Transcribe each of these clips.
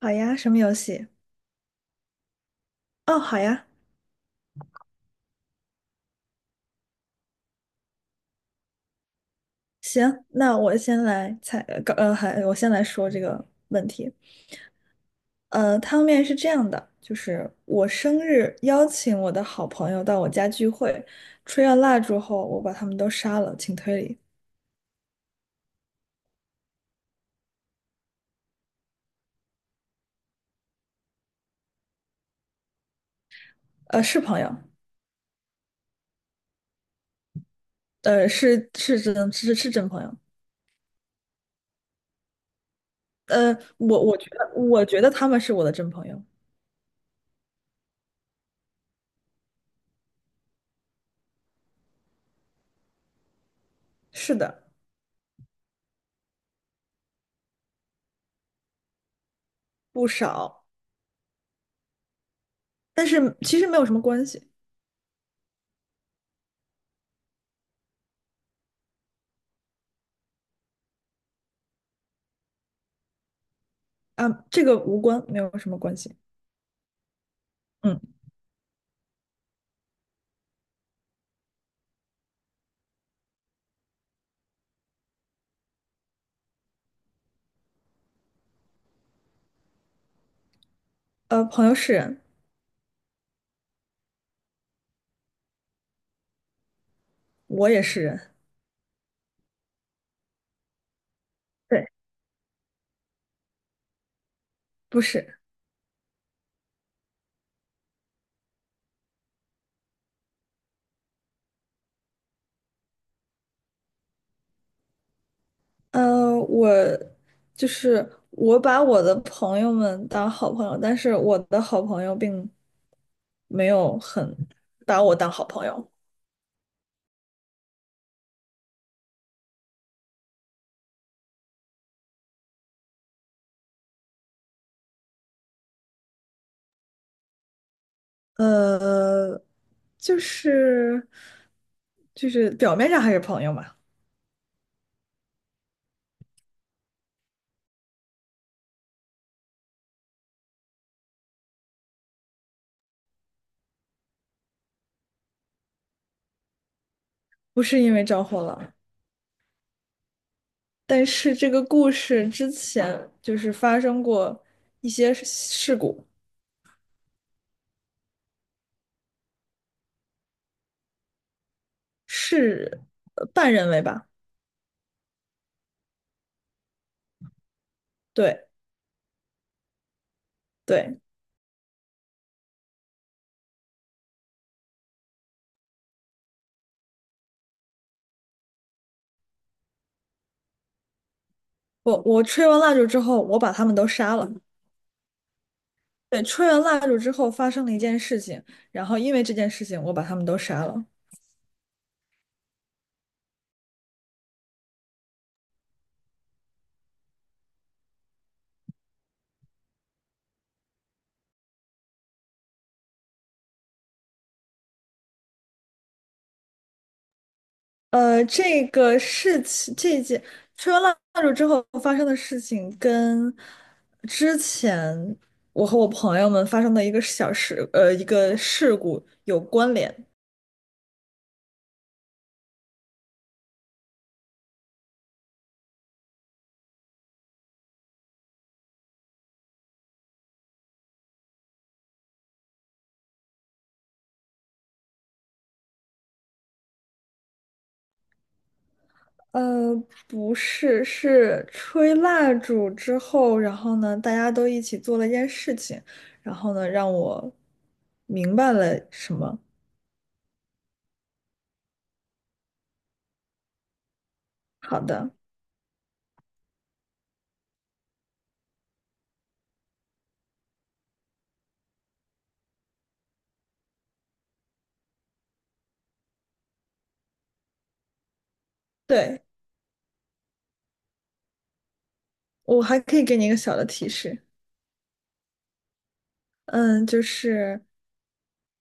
好呀，什么游戏？哦，好呀，行，那我先来猜，还我先来说这个问题。汤面是这样的，就是我生日邀请我的好朋友到我家聚会，吹完蜡烛后，我把他们都杀了，请推理。是朋友。是是真是是真朋友。呃，我觉得他们是我的真朋友。是的，不少，但是其实没有什么关系。啊，这个无关，没有什么关系。嗯。朋友是人。我也是人，对，不是，呃，我就是我把我的朋友们当好朋友，但是我的好朋友并没有很把我当好朋友。呃，就是就是表面上还是朋友嘛。不是因为着火了，但是这个故事之前就是发生过一些事故，是半人为吧？对对。我吹完蜡烛之后，我把他们都杀了。对，吹完蜡烛之后发生了一件事情，然后因为这件事情，我把他们都杀了。这个事情，这件吹完蜡烛之后发生的事情，跟之前我和我朋友们发生的一个小事，一个事故有关联。呃，不是，是吹蜡烛之后，然后呢，大家都一起做了一件事情，然后呢，让我明白了什么。好的，对，我还可以给你一个小的提示，嗯，就是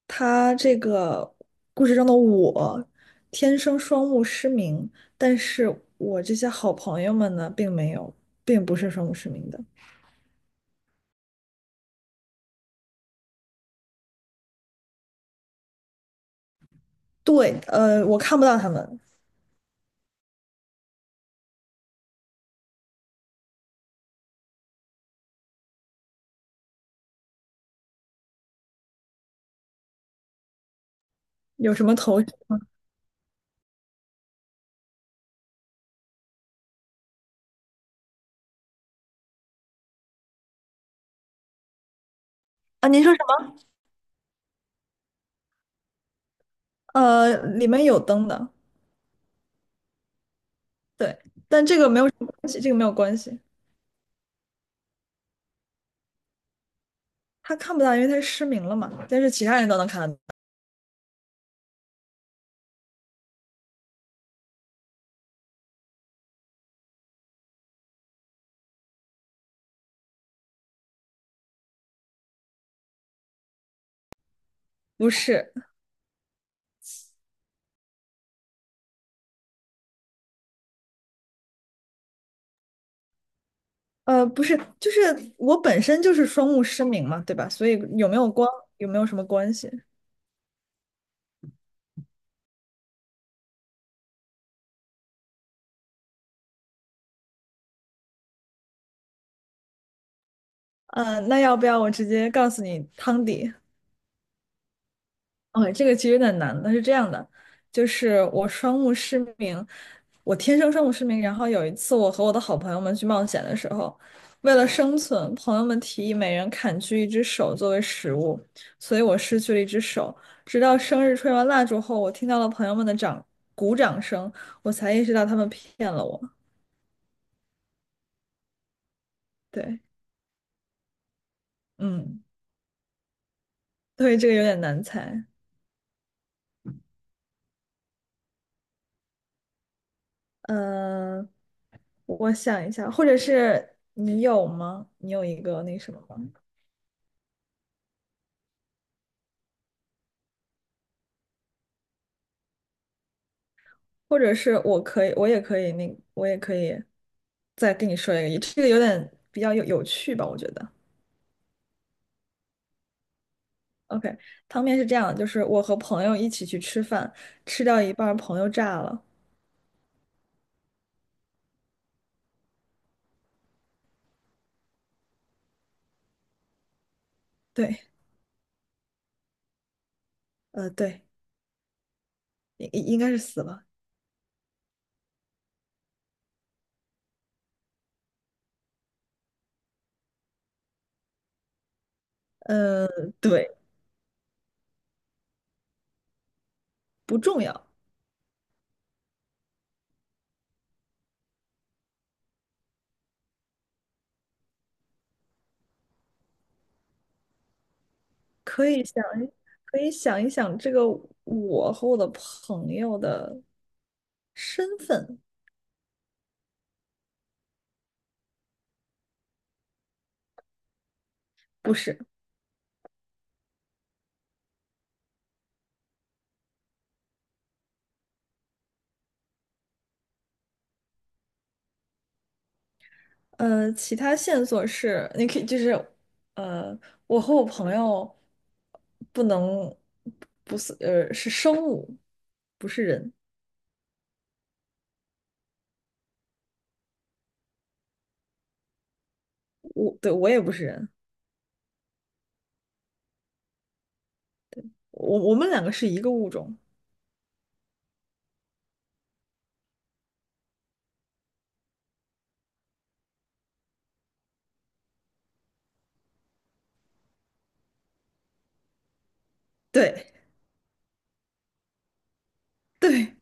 他这个故事中的我，天生双目失明，但是我这些好朋友们呢，并没有，并不是双目失明的。对，我看不到他们有什么头绪啊？您说。里面有灯的。对，但这个没有什么关系，这个没有关系。他看不到，因为他失明了嘛，但是其他人都能看得到。不是，不是，就是我本身就是双目失明嘛，对吧？所以有没有光，有没有什么关系？那要不要我直接告诉你汤底？哦，这个其实有点难的，是这样的，就是我双目失明，我天生双目失明。然后有一次，我和我的好朋友们去冒险的时候，为了生存，朋友们提议每人砍去一只手作为食物，所以我失去了一只手。直到生日吹完蜡烛后，我听到了朋友们的鼓掌声，我才意识到他们骗了我。对，嗯，对，这个有点难猜。嗯，我想一下，或者是你有吗？你有一个那什么吗？或者是我可以，我也可以，那我也可以再跟你说一个，这个有点比较有趣吧，我觉得。OK，汤面是这样，就是我和朋友一起去吃饭，吃掉一半儿朋友炸了。对，对，应该是死了。呃，对，不重要，可以想一，可以想一想这个我和我的朋友的身份。不是。其他线索是，你可以就是，呃，我和我朋友不能不是是生物，不是人。我，对，我也不是人，我们两个是一个物种。对 对，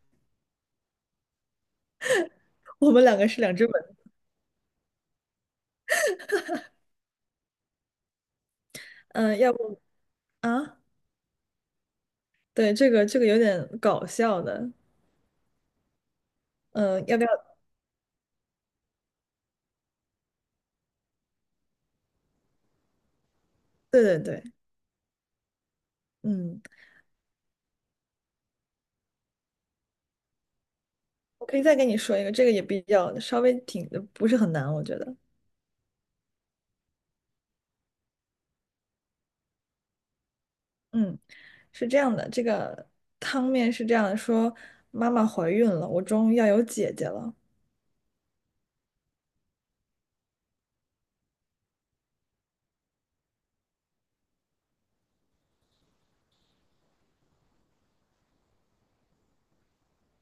我们两个是两只本。嗯，要不啊？对，这个有点搞笑的。嗯，要不要？对对对，嗯，我可以再跟你说一个，这个也比较稍微挺不是很难，我觉得。嗯。是这样的，这个汤面是这样的说妈妈怀孕了，我终于要有姐姐了。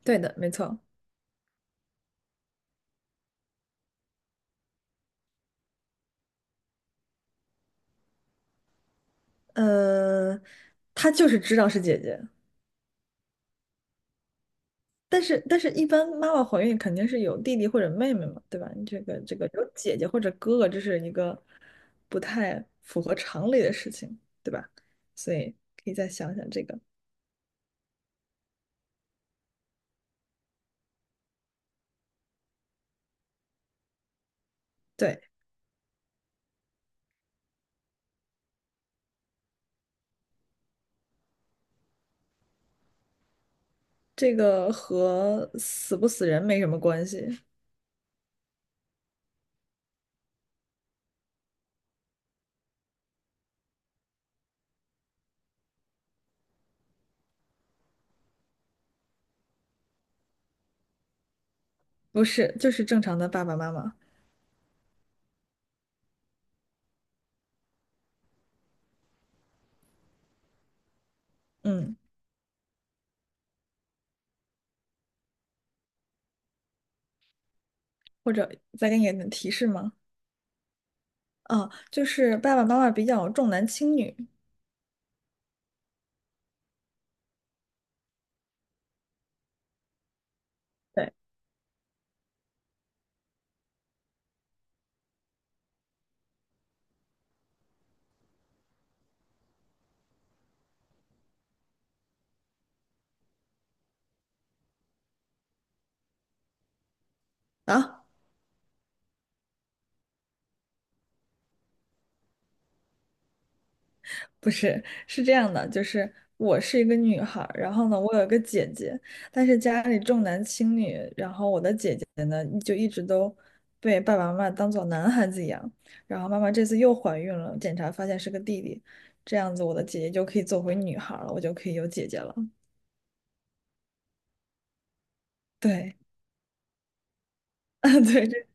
对的，没错。呃，她就是知道是姐姐，但是一般妈妈怀孕肯定是有弟弟或者妹妹嘛，对吧？你这个有姐姐或者哥哥，这是一个不太符合常理的事情，对吧？所以可以再想想这个。对，这个和死不死人没什么关系，不是，就是正常的爸爸妈妈。嗯。或者再给你点提示吗？啊，就是爸爸妈妈比较重男轻女。对啊，不是，是这样的，就是我是一个女孩儿，然后呢，我有一个姐姐，但是家里重男轻女，然后我的姐姐呢，就一直都被爸爸妈妈当做男孩子养，然后妈妈这次又怀孕了，检查发现是个弟弟，这样子我的姐姐就可以做回女孩儿了，我就可以有姐姐了。对，对，这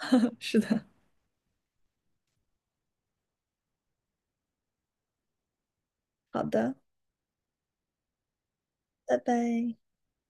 是的，好的，拜拜。